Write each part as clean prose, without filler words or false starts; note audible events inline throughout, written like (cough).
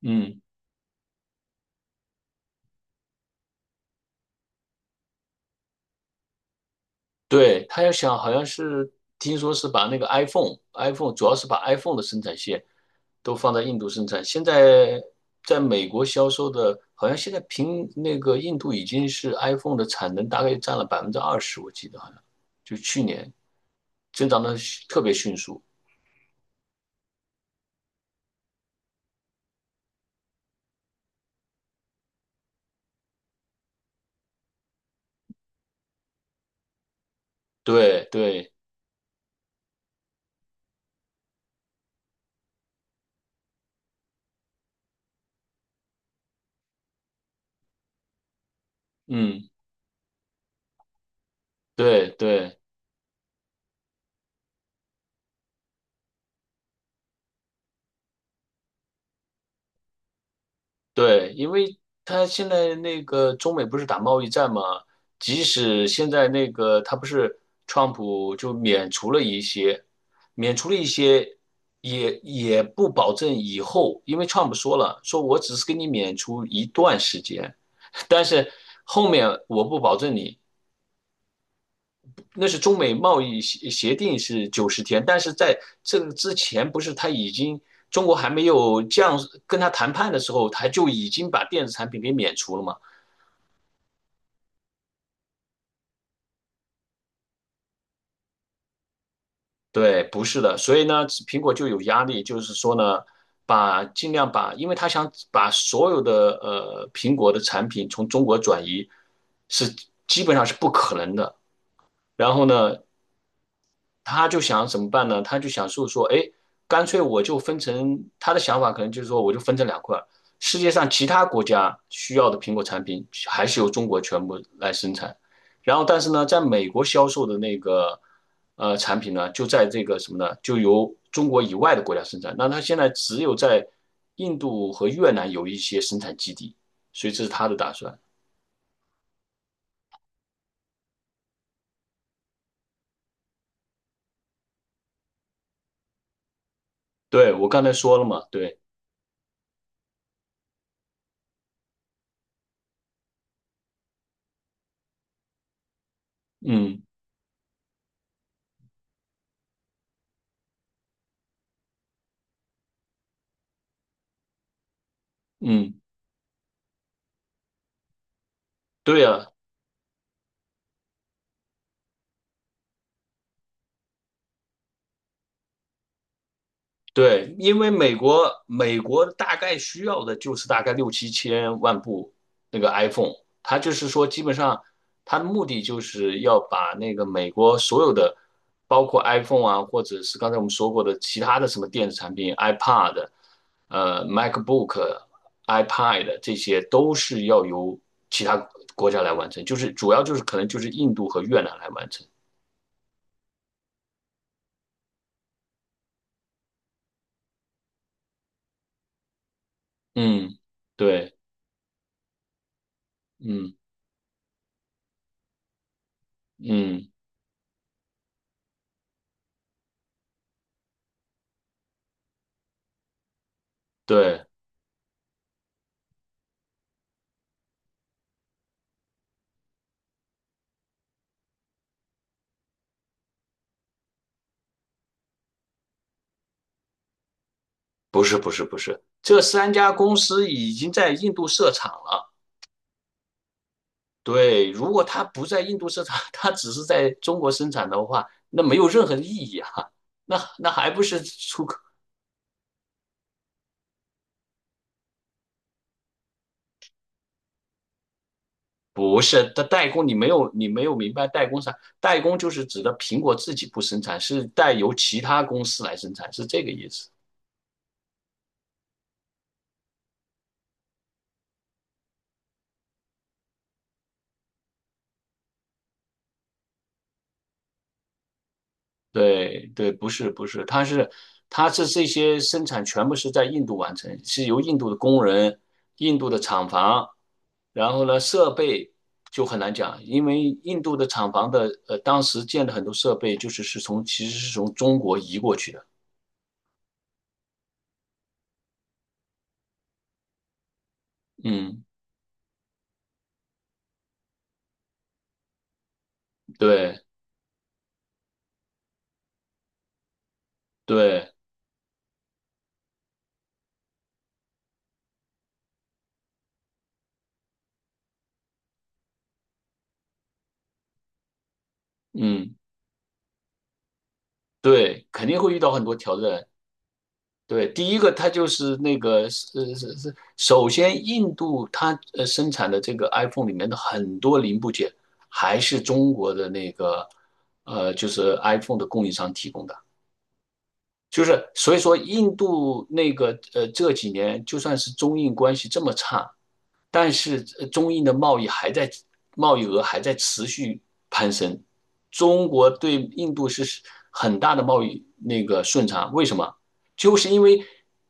嗯，对，他要想，好像是听说是把那个 iPhone 主要是把 iPhone 的生产线都放在印度生产。现在在美国销售的，好像现在平那个印度已经是 iPhone 的产能大概占了20%，我记得好像就去年增长的特别迅速。对对，嗯，对对。对，因为他现在那个中美不是打贸易战嘛，即使现在那个他不是川普就免除了一些，免除了一些，也不保证以后，因为川普说了，说我只是给你免除一段时间，但是后面我不保证你。那是中美贸易协定是90天，但是在这个之前，不是他已经中国还没有降跟他谈判的时候，他就已经把电子产品给免除了吗？对，不是的，所以呢，苹果就有压力，就是说呢，尽量把，因为他想把所有的苹果的产品从中国转移，是基本上是不可能的。然后呢，他就想怎么办呢？他就想说，哎，干脆我就分成他的想法，可能就是说我就分成两块，世界上其他国家需要的苹果产品还是由中国全部来生产，然后但是呢，在美国销售的那个产品呢，就在这个什么呢，就由中国以外的国家生产。那他现在只有在印度和越南有一些生产基地，所以这是他的打算。对，我刚才说了嘛，对，嗯嗯，对呀，对，因为美国大概需要的就是大概六七千万部那个 iPhone,它就是说基本上它的目的就是要把那个美国所有的，包括 iPhone 啊，或者是刚才我们说过的其他的什么电子产品，iPad、MacBook、iPad 这些都是要由其他国家来完成，就是主要就是可能就是印度和越南来完成。嗯，对，嗯嗯对。不是不是不是，这三家公司已经在印度设厂了。对，如果它不在印度设厂，(laughs) 它只是在中国生产的话，那没有任何意义啊。那还不是出口？不是，它代工你没有明白代工啥？代工就是指的苹果自己不生产，是代由其他公司来生产，是这个意思。对对，不是不是，它是这些生产全部是在印度完成，是由印度的工人、印度的厂房，然后呢设备就很难讲，因为印度的厂房的当时建的很多设备就是是从其实是从中国移过去的，嗯，对对，嗯对，肯定会遇到很多挑战，对，第一个它就是那个是是是，首先印度它生产的这个 iPhone 里面的很多零部件还是中国的那个就是 iPhone 的供应商提供的，就是所以说，印度那个这几年就算是中印关系这么差，但是中印的贸易额还在持续攀升。中国对印度是很大的贸易那个顺差，为什么？就是因为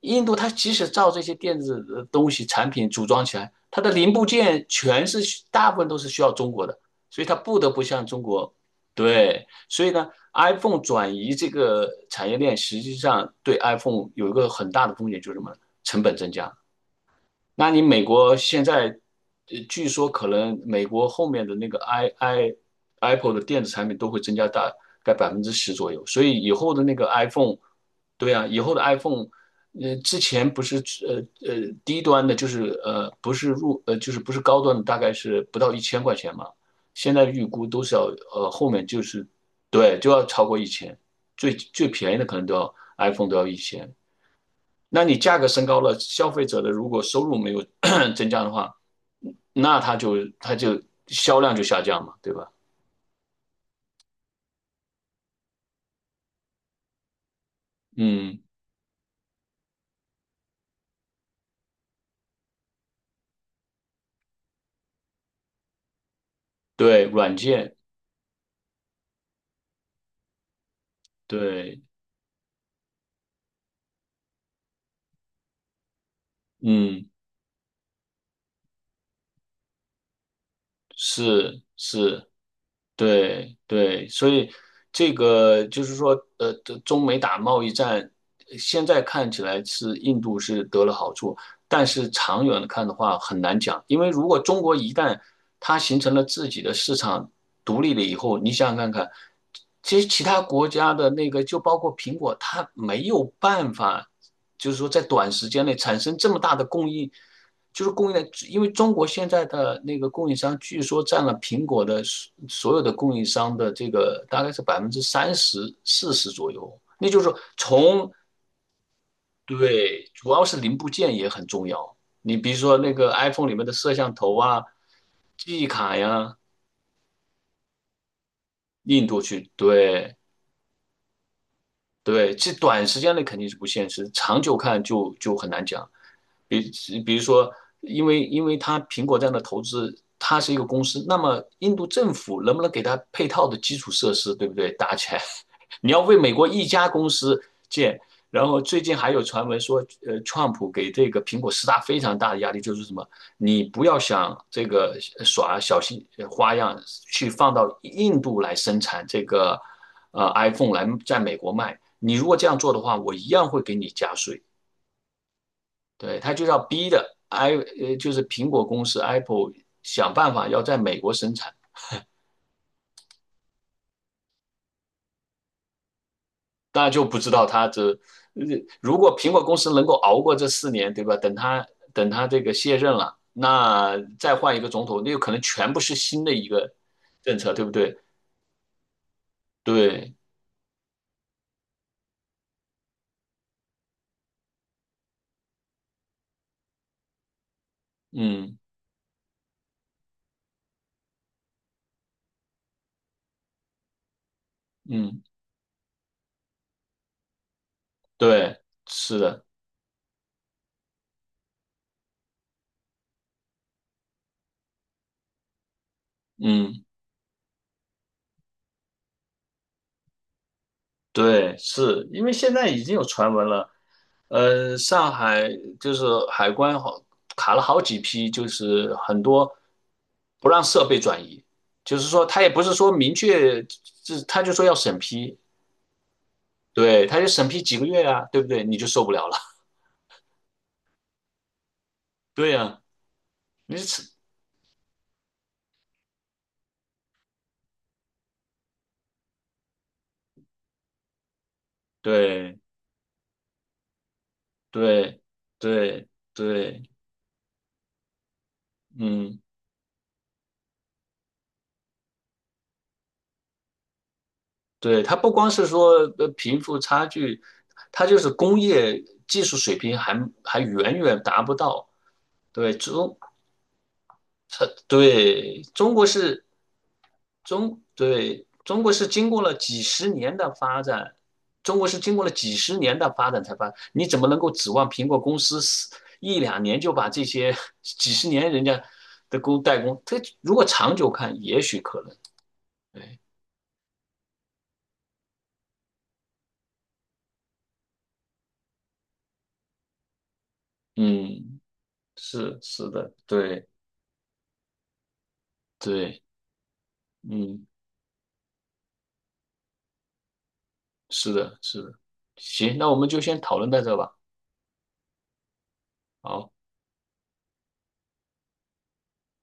印度它即使造这些电子的东西产品组装起来，它的零部件大部分都是需要中国的，所以它不得不向中国对。所以呢，iPhone 转移这个产业链，实际上对 iPhone 有一个很大的风险，就是什么？成本增加。那你美国现在，据说可能美国后面的那个 Apple 的电子产品都会增加大概10%左右，所以以后的那个 iPhone,对啊，以后的 iPhone,之前不是呃呃低端的，就是不是就是不是高端的，大概是不到1000块钱嘛，现在预估都是要后面就是对就要超过一千，最便宜的可能都要 iPhone 都要1000，那你价格升高了，消费者的如果收入没有 (coughs) 增加的话，那它就销量就下降嘛，对吧？嗯，对，软件，对，嗯，是是。对对，所以这个就是说，中美打贸易战，现在看起来是印度是得了好处，但是长远看的话很难讲，因为如果中国一旦它形成了自己的市场独立了以后，你想想看看，其实其他国家的那个就包括苹果，它没有办法。就是说在短时间内产生这么大的供应，就是供应链，因为中国现在的那个供应商据说占了苹果的所有的供应商的这个大概是30%、40%左右，那就是说从对，主要是零部件也很重要。你比如说那个 iPhone 里面的摄像头啊、记忆卡呀，印度去，对对，这短时间内肯定是不现实，长久看就很难讲。比比如说，因为它苹果这样的投资，它是一个公司，那么印度政府能不能给它配套的基础设施，对不对？搭起来，(laughs) 你要为美国一家公司建。然后最近还有传闻说，川普给这个苹果施加非常大的压力，就是什么，你不要想这个耍小心花样去放到印度来生产这个，iPhone 来在美国卖。你如果这样做的话，我一样会给你加税。对，他就要逼的 就是苹果公司 Apple 想办法要在美国生产，那就不知道他这，呃如果苹果公司能够熬过这4年，对吧？等他这个卸任了，那再换一个总统，那有可能全部是新的一个政策，对不对？对，嗯嗯，对，是的，嗯，对，是因为现在已经有传闻了。上海就是海关卡了好几批，就是很多不让设备转移，就是说他也不是说明确，这他就说要审批，对，他就审批几个月啊，对不对？你就受不了了，(laughs) 对呀、你是对对对对，嗯，对，它不光是说贫富差距，它就是工业技术水平还远远达不到。对中对中国是中对中国是经过了几十年的发展，中国是经过了几十年的发展才发展，你怎么能够指望苹果公司一两年就把这些 (laughs) 几十年人家的代工，这如果长久看，也许可能。对，嗯，是是的，对对，嗯，是的，是的。行，那我们就先讨论到这吧。好。